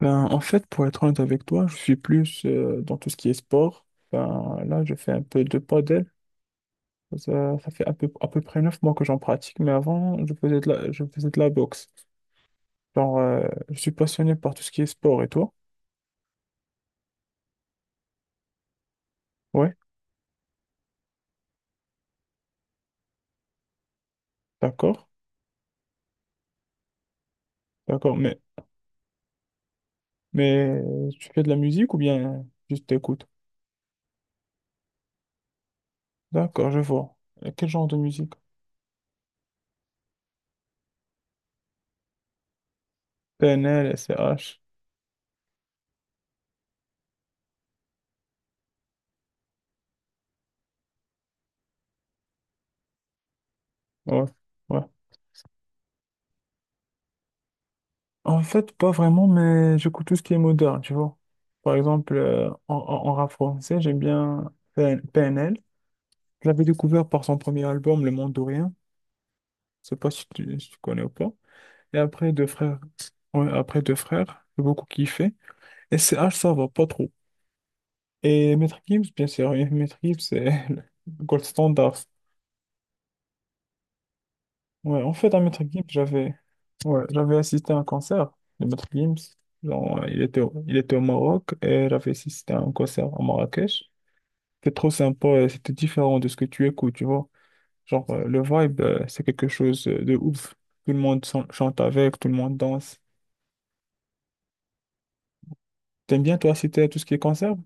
Ben, en fait, pour être honnête avec toi, je suis plus dans tout ce qui est sport. Ben, là, je fais un peu de paddle. Ça fait à peu près 9 mois que j'en pratique, mais avant, je faisais de la boxe. Genre, je suis passionné par tout ce qui est sport et toi? Ouais, d'accord, d'accord. Mais, tu fais de la musique ou bien juste t'écoutes? D'accord, je vois. Et quel genre de musique? PNL, SCH. Ouais, ouais. En fait, pas vraiment, mais j'écoute tout ce qui est moderne, tu vois. Par exemple, en rap français, j'aime bien PNL. Je l'avais découvert par son premier album, Le Monde de Rien. Je sais pas si tu connais ou pas. Et après, Deux Frères. Ouais, après Deux Frères, j'ai beaucoup kiffé. Et C H ça va pas trop. Et Maître Gims, bien sûr, et Maître Gims, c'est le gold standard. Ouais, en fait, à Maître Gims, ouais, j'avais assisté à un concert de Maître Gims. Genre, il était au Maroc et j'avais assisté à un concert à Marrakech. C'était trop sympa et c'était différent de ce que tu écoutes, tu vois. Genre, le vibe, c'est quelque chose de ouf. Tout le monde chante avec, tout le monde danse. T'aimes bien, toi, citer tout ce qui est concert?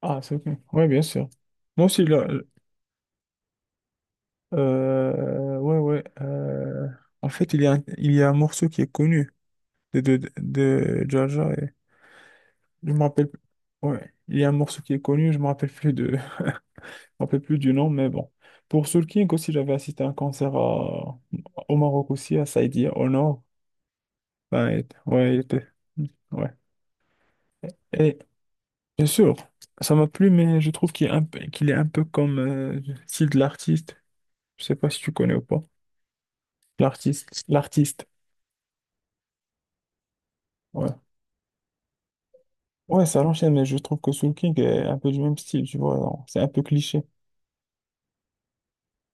Ah, c'est ok. Ouais, bien sûr. Moi aussi, là, ouais, ouais. En fait, il y a un morceau qui est connu de Jaja. Je me rappelle plus. Ouais, il y a un morceau qui est connu, je me rappelle plus de, je me rappelle plus du nom, mais bon. Pour Soul King aussi, j'avais assisté à un concert au Maroc aussi, à Saïdia, au nord. Ben, ouais, il était, ouais. Et bien sûr, ça m'a plu, mais je trouve qu'il est un peu, qu'il est un peu comme le style de l'artiste. Je sais pas si tu connais ou pas. L'artiste, l'artiste. Ouais. Ouais, ça l'enchaîne, mais je trouve que Soul King est un peu du même style, tu vois. Genre, c'est un peu cliché.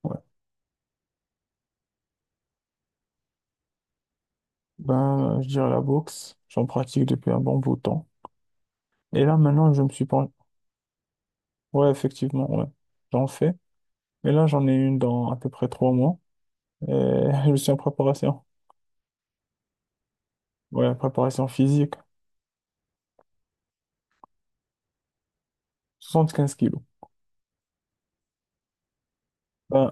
Ouais. Ben, je dirais la boxe. J'en pratique depuis un bon bout de temps. Et là, maintenant, je me suis pas. Ouais, effectivement, ouais. J'en fais. Mais là, j'en ai une dans à peu près 3 mois. Et je suis en préparation. Ouais, préparation physique. 75 kilos. Ben,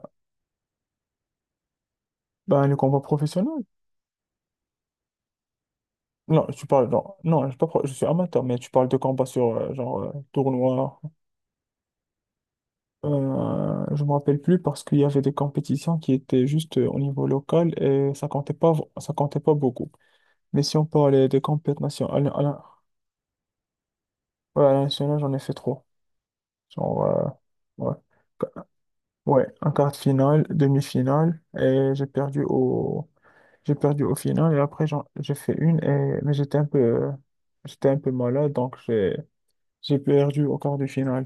ben, le combat professionnel? Non, tu parles, non, je suis pas pro- je suis amateur, mais tu parles de combat sur, genre, tournoi. Je me rappelle plus parce qu'il y avait des compétitions qui étaient juste au niveau local et ça comptait pas, ça comptait pas beaucoup. Mais si on parlait des compétitions nationales, ouais, à la nationale, j'en ai fait trois. Genre, ouais. Ouais, en quart de finale, demi-finale, et j'ai perdu au final, et après, j'ai fait une, et, mais j'étais un peu malade, donc j'ai perdu au quart de finale.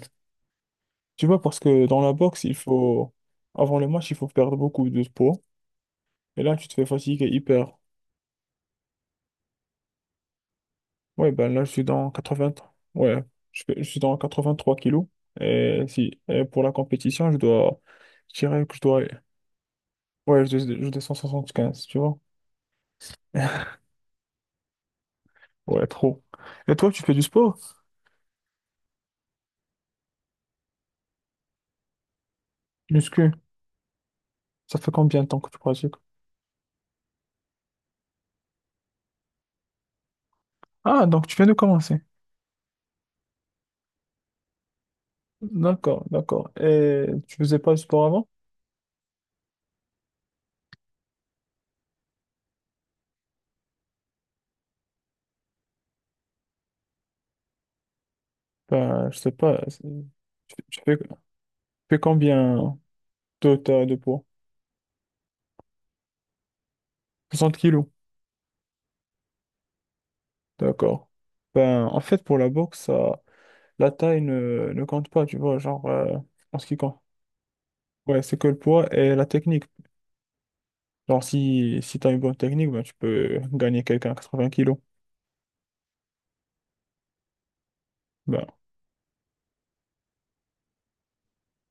Tu vois, parce que dans la boxe, il faut, avant le match, il faut perdre beaucoup de poids, et là, tu te fais fatiguer hyper. Ouais, ben là, je suis dans 80, ouais, je suis dans 83 kilos, et si, et pour la compétition, je dois, je dirais que je dois, ouais, je descends 75, tu vois. Ouais, trop. Et toi, tu fais du sport? Muscu. Ça fait combien de temps que tu pratiques? Ah, donc tu viens de commencer. D'accord, d'accord. Et tu faisais pas du sport avant? Ben, je sais pas. Tu fais combien de poids? 60 kilos. D'accord. Ben, en fait, pour la boxe, ça, la taille ne compte pas, tu vois, genre, en ce qui compte. Ouais, c'est que le poids et la technique. Genre, si t'as une bonne technique, ben, tu peux gagner quelqu'un à 20 kilos. Ben,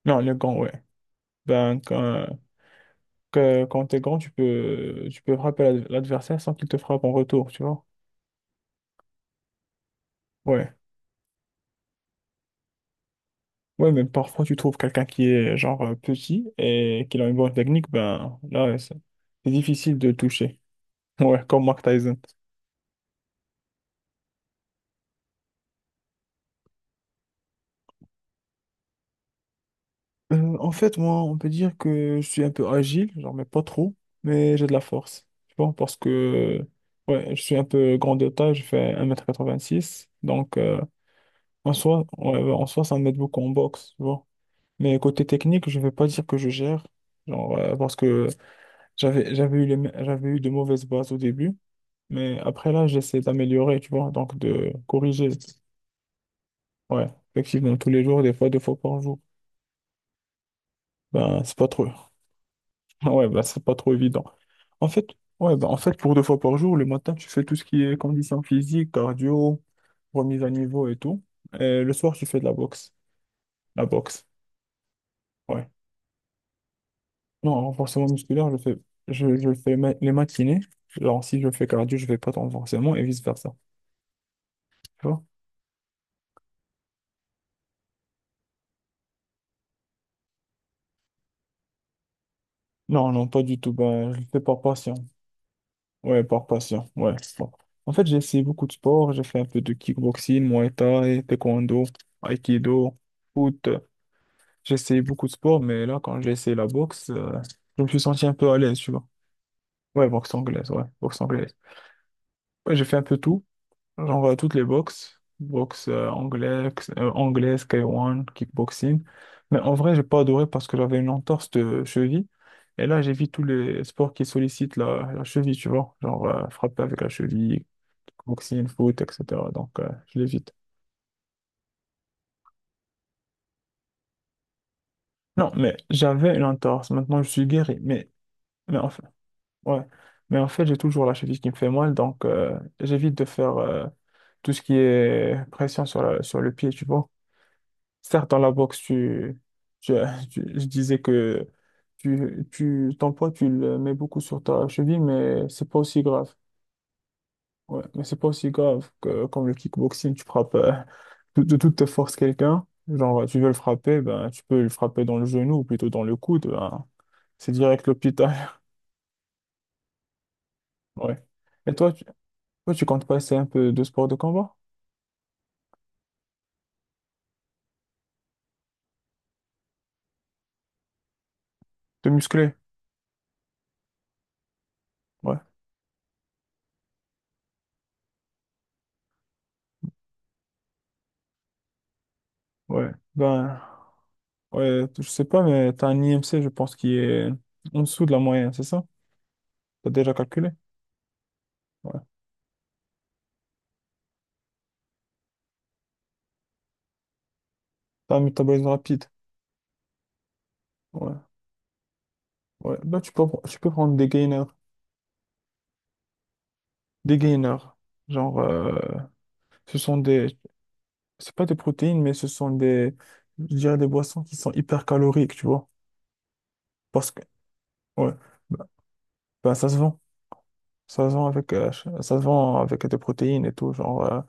non, les gants, ouais. Ben, que quand t'es grand, tu peux frapper l'adversaire sans qu'il te frappe en retour, tu vois. Ouais. Ouais, mais parfois tu trouves quelqu'un qui est genre petit et qui a une bonne technique, ben là, ouais, c'est difficile de le toucher. Ouais, comme Mark Tyson. En fait, moi, on peut dire que je suis un peu agile, genre, mais pas trop, mais j'ai de la force. Tu vois, parce que, ouais, je suis un peu grand de taille, je fais 1,86 m donc en soi, ouais, en soi, ça m'aide beaucoup en boxe, tu vois. Mais côté technique, je vais pas dire que je gère, genre, parce que j'avais eu de mauvaises bases au début, mais après là, j'essaie d'améliorer, tu vois, donc de corriger. Ouais, effectivement, tous les jours, des fois, deux fois par jour. Ben, c'est pas trop. Ouais, ben, c'est pas trop évident. En fait, ouais, ben, en fait, pour deux fois par jour, le matin, tu fais tout ce qui est condition physique cardio, remise à niveau et tout. Et le soir, tu fais de la boxe. La boxe. Ouais. Non, un renforcement musculaire, je le fais les matinées. Alors, si je fais cardio, je fais pas de renforcement et vice-versa. Tu vois? Non, non, pas du tout. Ben, je le fais par passion. Ouais, par passion. Ouais. Bon. En fait, j'ai essayé beaucoup de sports. J'ai fait un peu de kickboxing, Muay Thai, taekwondo, aikido, foot. J'ai essayé beaucoup de sports, mais là, quand j'ai essayé la boxe, je me suis senti un peu à l'aise, tu vois. Ouais, boxe anglaise, ouais, boxe anglaise. Ouais, j'ai fait un peu tout. Genre toutes les boxes, boxe anglais, K1, kickboxing. Mais en vrai, j'ai pas adoré parce que j'avais une entorse de cheville. Et là, j'évite tous les sports qui sollicitent la cheville, tu vois. Genre frapper avec la cheville, boxing foot, etc. Donc, je l'évite. Non, mais j'avais une entorse. Maintenant, je suis guéri. Mais, en fait ouais. Mais en fait, j'ai toujours la cheville qui me fait mal. Donc, j'évite de faire tout ce qui est pression sur le pied, tu vois. Certes, dans la boxe, tu- je disais que ton poids, tu le mets beaucoup sur ta cheville, mais c'est pas aussi grave. Ouais, mais c'est pas aussi grave que comme le kickboxing, tu frappes de toute force quelqu'un. Genre, tu veux le frapper, ben, tu peux le frapper dans le genou ou plutôt dans le coude. Ben, c'est direct l'hôpital. Ouais. Et toi, toi, tu comptes passer un peu de sport de combat? De musclé? Ouais. Ouais. Ben. Ouais, je sais pas, mais t'as un IMC, je pense, qui est en dessous de la moyenne, c'est ça? T'as déjà calculé? Ouais. T'as un métabolisme rapide. Ouais. Ouais. Bah, tu peux prendre des gainers. Des gainers. Genre, ce sont des. C'est pas des protéines, mais ce sont des. Je dirais des boissons qui sont hyper caloriques, tu vois. Parce que. Ouais. Bah, bah, ça se vend. Ça se vend avec, ça se vend avec des protéines et tout. Genre,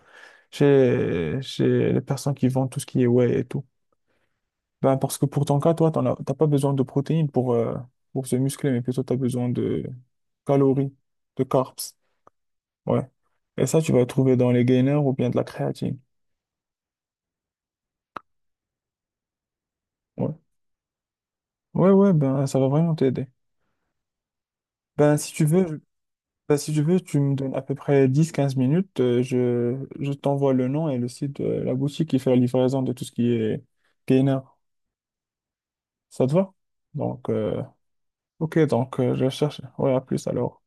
chez les personnes qui vendent tout ce qui est whey et tout. Ben, parce que pour ton cas, toi, t'as pas besoin de protéines pour se muscler, mais plutôt tu as besoin de calories, de carbs. Ouais. Et ça, tu vas trouver dans les gainers ou bien de la créatine. Ouais. Ouais, ouais, ben, ça va vraiment t'aider. Ben, si tu veux, tu me donnes à peu près 10-15 minutes. Je t'envoie le nom et le site de la boutique qui fait la livraison de tout ce qui est gainer. Ça te va? Donc, ok, donc, je cherche. Ouais, à plus alors.